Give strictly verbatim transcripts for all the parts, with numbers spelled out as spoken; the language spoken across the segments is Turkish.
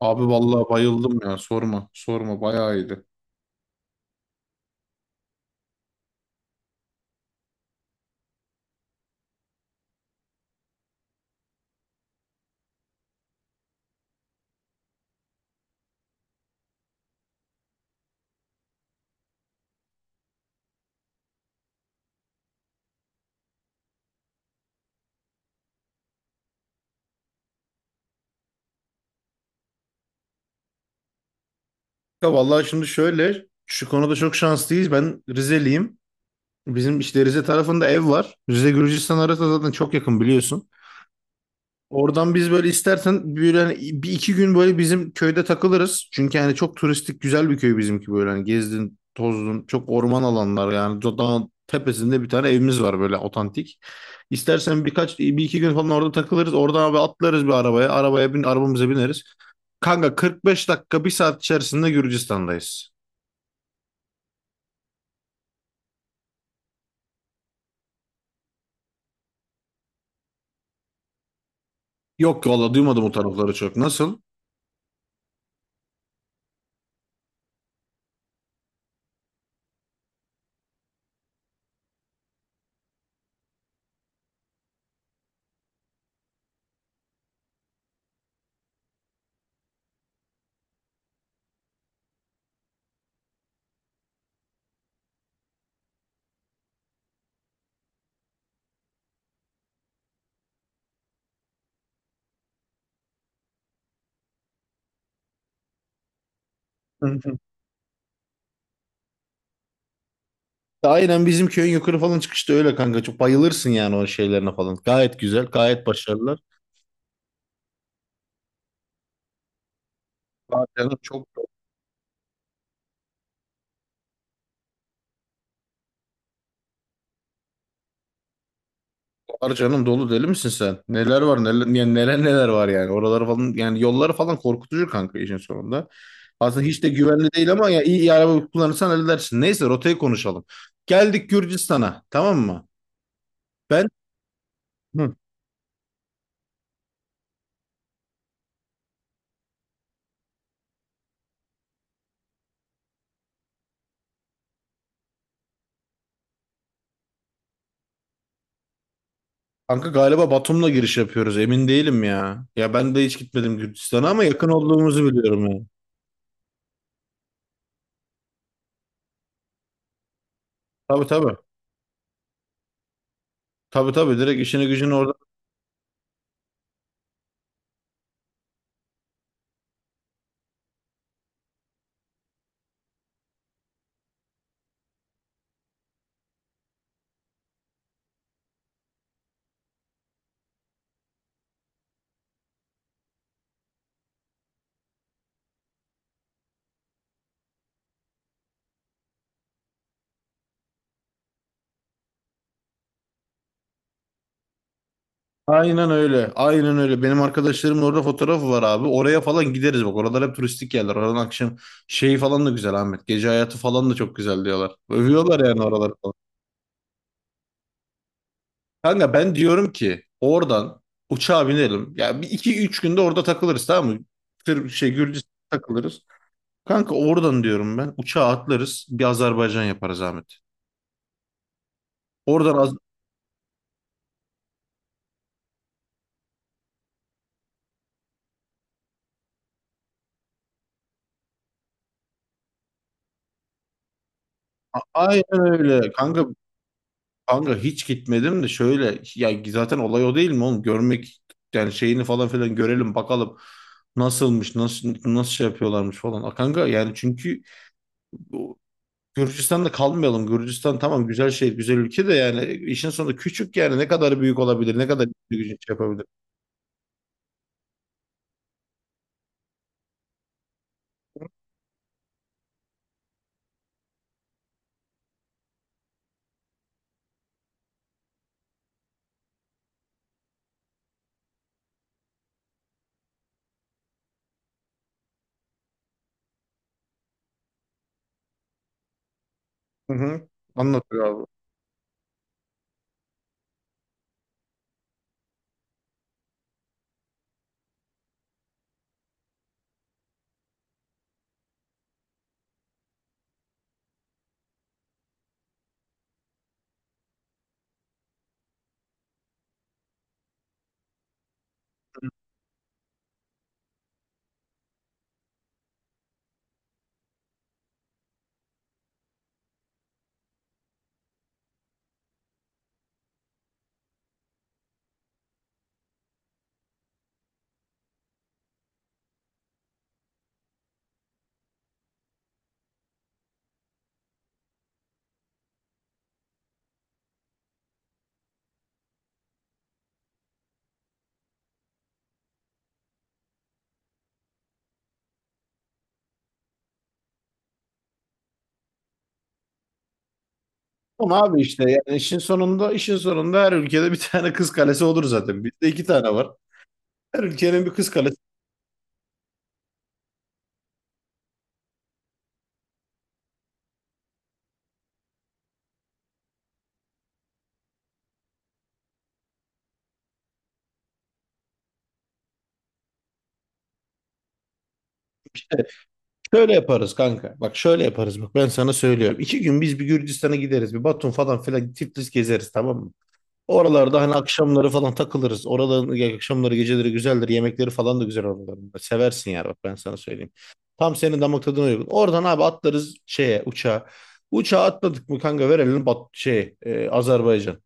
Abi vallahi bayıldım ya, sorma sorma, bayağı iyiydi. Ya vallahi şimdi şöyle, şu konuda çok şanslıyız. Ben Rizeliyim. Bizim işte Rize tarafında ev var. Rize Gürcistan arası zaten çok yakın biliyorsun. Oradan biz böyle istersen böyle hani bir iki gün böyle bizim köyde takılırız. Çünkü yani çok turistik güzel bir köy bizimki, böyle hani gezdin tozdun, çok orman alanlar, yani dağın tepesinde bir tane evimiz var böyle otantik. İstersen birkaç bir iki gün falan orada takılırız. Oradan abi atlarız bir arabaya. Arabaya bin Arabamıza bineriz. Kanka kırk beş dakika bir saat içerisinde Gürcistan'dayız. Yok ki valla, duymadım o tarafları çok. Nasıl? Hı hı. Aynen, bizim köyün yukarı falan çıkışta öyle kanka. Çok bayılırsın yani o şeylerine falan. Gayet güzel, gayet başarılılar. Aa, canım çok... Var canım, dolu. Deli misin sen? Neler var neler, yani neler neler var yani. Oraları falan, yani yolları falan korkutucu kanka işin sonunda. Aslında hiç de güvenli değil ama ya iyi, iyi araba kullanırsan halledersin. Neyse, rotayı konuşalım. Geldik Gürcistan'a, tamam mı? Ben... Hı. Kanka galiba Batum'la giriş yapıyoruz, emin değilim ya. Ya ben de hiç gitmedim Gürcistan'a ama yakın olduğumuzu biliyorum yani. Tabii tabii. Tabii tabii, direkt işini gücünü orada... Aynen öyle. Aynen öyle. Benim arkadaşlarımın orada fotoğrafı var abi. Oraya falan gideriz bak. Oralar hep turistik yerler. Oradan akşam şeyi falan da güzel Ahmet. Gece hayatı falan da çok güzel diyorlar. Övüyorlar yani oraları falan. Kanka ben diyorum ki, oradan uçağa binelim. Ya bir iki üç günde orada takılırız, tamam mı? Tır, şey Gürcistan takılırız. Kanka oradan diyorum, ben uçağa atlarız. Bir Azerbaycan yaparız Ahmet. Oradan Az- Aynen öyle. Kanka Kanka hiç gitmedim de, şöyle ya, zaten olay o değil mi oğlum? Görmek, yani şeyini falan filan görelim bakalım nasılmış, nasıl nasıl şey yapıyorlarmış falan. A Kanka yani çünkü o- Gürcistan'da kalmayalım. Gürcistan tamam, güzel şey güzel ülke de yani işin sonunda küçük, yani ne kadar büyük olabilir, ne kadar büyük şey yapabilir. Hı hı. Anlatıyor abi. Ama abi işte yani işin sonunda, işin sonunda her ülkede bir tane kız kalesi olur zaten. Bizde iki tane var. Her ülkenin bir kız kalesi... Şöyle yaparız kanka. Bak şöyle yaparız. Bak ben sana söylüyorum. İki gün biz bir Gürcistan'a gideriz. Bir Batum falan filan Tiflis gezeriz, tamam mı? Oralarda hani akşamları falan takılırız. Oraların ya akşamları, geceleri güzeldir. Yemekleri falan da güzel oraların. Seversin yani, bak ben sana söyleyeyim. Tam senin damak tadına uygun. Oradan abi atlarız şeye, uçağa. Uçağa atladık mı kanka, verelim bat şey e, Azerbaycan.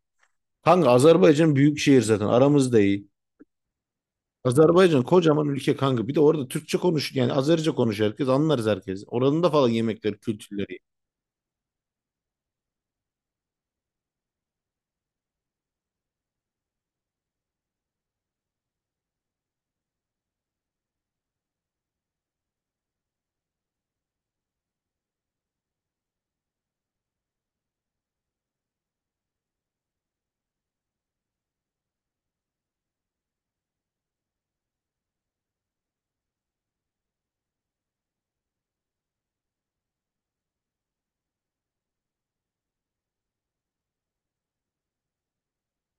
Kanka Azerbaycan büyük şehir zaten. Aramız da iyi. Azerbaycan kocaman ülke kanka. Bir de orada Türkçe konuş, yani Azerice konuş, herkes anlarız herkes. Oranın da falan yemekleri, kültürleri.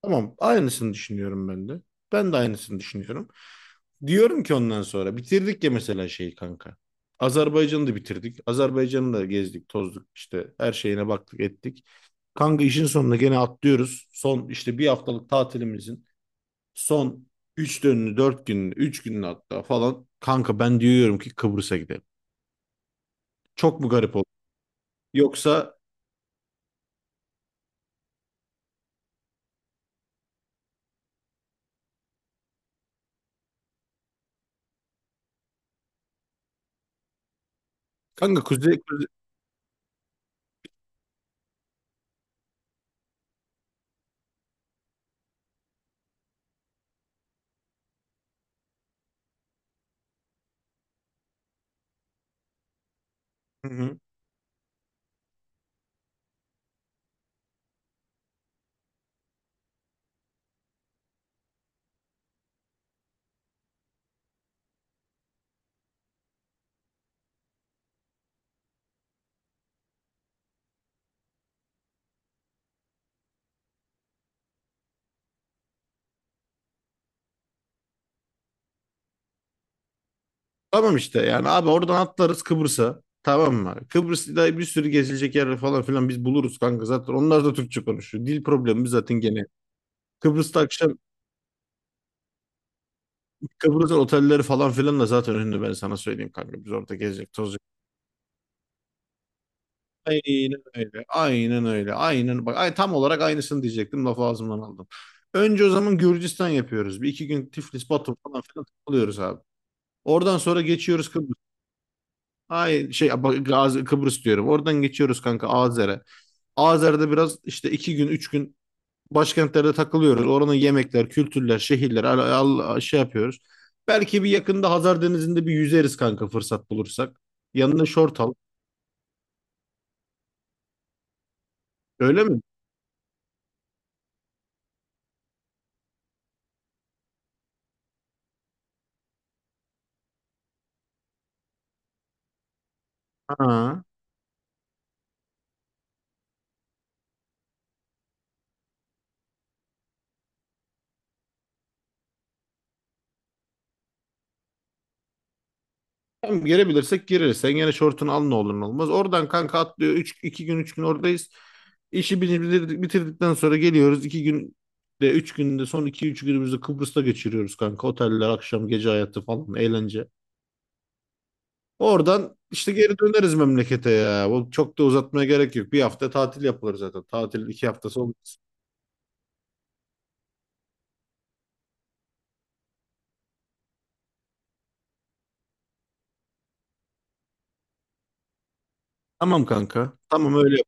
Tamam, aynısını düşünüyorum ben de. Ben de aynısını düşünüyorum. Diyorum ki, ondan sonra bitirdik ya mesela şeyi kanka. Azerbaycan'ı da bitirdik. Azerbaycan'ı da gezdik, tozduk, işte her şeyine baktık, ettik. Kanka işin sonunda gene atlıyoruz. Son işte bir haftalık tatilimizin son üç dönünü, dört gününü, üç gününü hatta falan. Kanka ben diyorum ki Kıbrıs'a gidelim. Çok mu garip? Yoksa kanka kuzey, kuzey- Hı hı. Tamam işte yani abi oradan atlarız Kıbrıs'a. Tamam mı? Kıbrıs'ta bir sürü gezilecek yer falan filan biz buluruz kanka. Zaten onlar da Türkçe konuşuyor. Dil problemimiz zaten gene. Kıbrıs'ta akşam... Kıbrıs'ın otelleri falan filan da zaten ünlü, ben sana söyleyeyim kanka. Biz orada gezecek, tozacak. Aynen öyle. Aynen öyle. Aynen. Bak, ay, tam olarak aynısını diyecektim. Lafı ağzımdan aldım. Önce o zaman Gürcistan yapıyoruz. Bir iki gün Tiflis, Batum falan filan takılıyoruz abi. Oradan sonra geçiyoruz... Ay şey bak, Gazi, Kıbrıs diyorum. Oradan geçiyoruz kanka Azer'e. Azer'de biraz işte iki gün üç gün başkentlerde takılıyoruz. Oranın yemekler, kültürler, şehirler al, al- şey yapıyoruz. Belki bir yakında Hazar Denizi'nde bir yüzeriz kanka, fırsat bulursak. Yanına şort al. Öyle mi? Ha. Hem girebilirsek gireriz. Sen gene şortunu al, ne olur ne olmaz. Oradan kanka atlıyor. üç iki gün üç gün oradayız. İşi bitir- bitirdikten sonra geliyoruz. iki gün de üç günde, son iki üç günümüzü Kıbrıs'ta geçiriyoruz kanka. Oteller, akşam, gece hayatı falan, eğlence. Oradan işte geri döneriz memlekete ya. Bu çok da uzatmaya gerek yok. Bir hafta tatil yapılır zaten. Tatil iki haftası olmaz. Tamam kanka. Tamam öyle yap.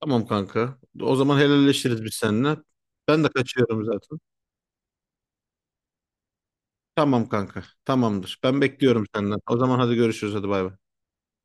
Tamam kanka. O zaman helalleşiriz biz seninle. Ben de kaçıyorum zaten. Tamam kanka. Tamamdır. Ben bekliyorum senden. O zaman hadi görüşürüz. Hadi bay bay.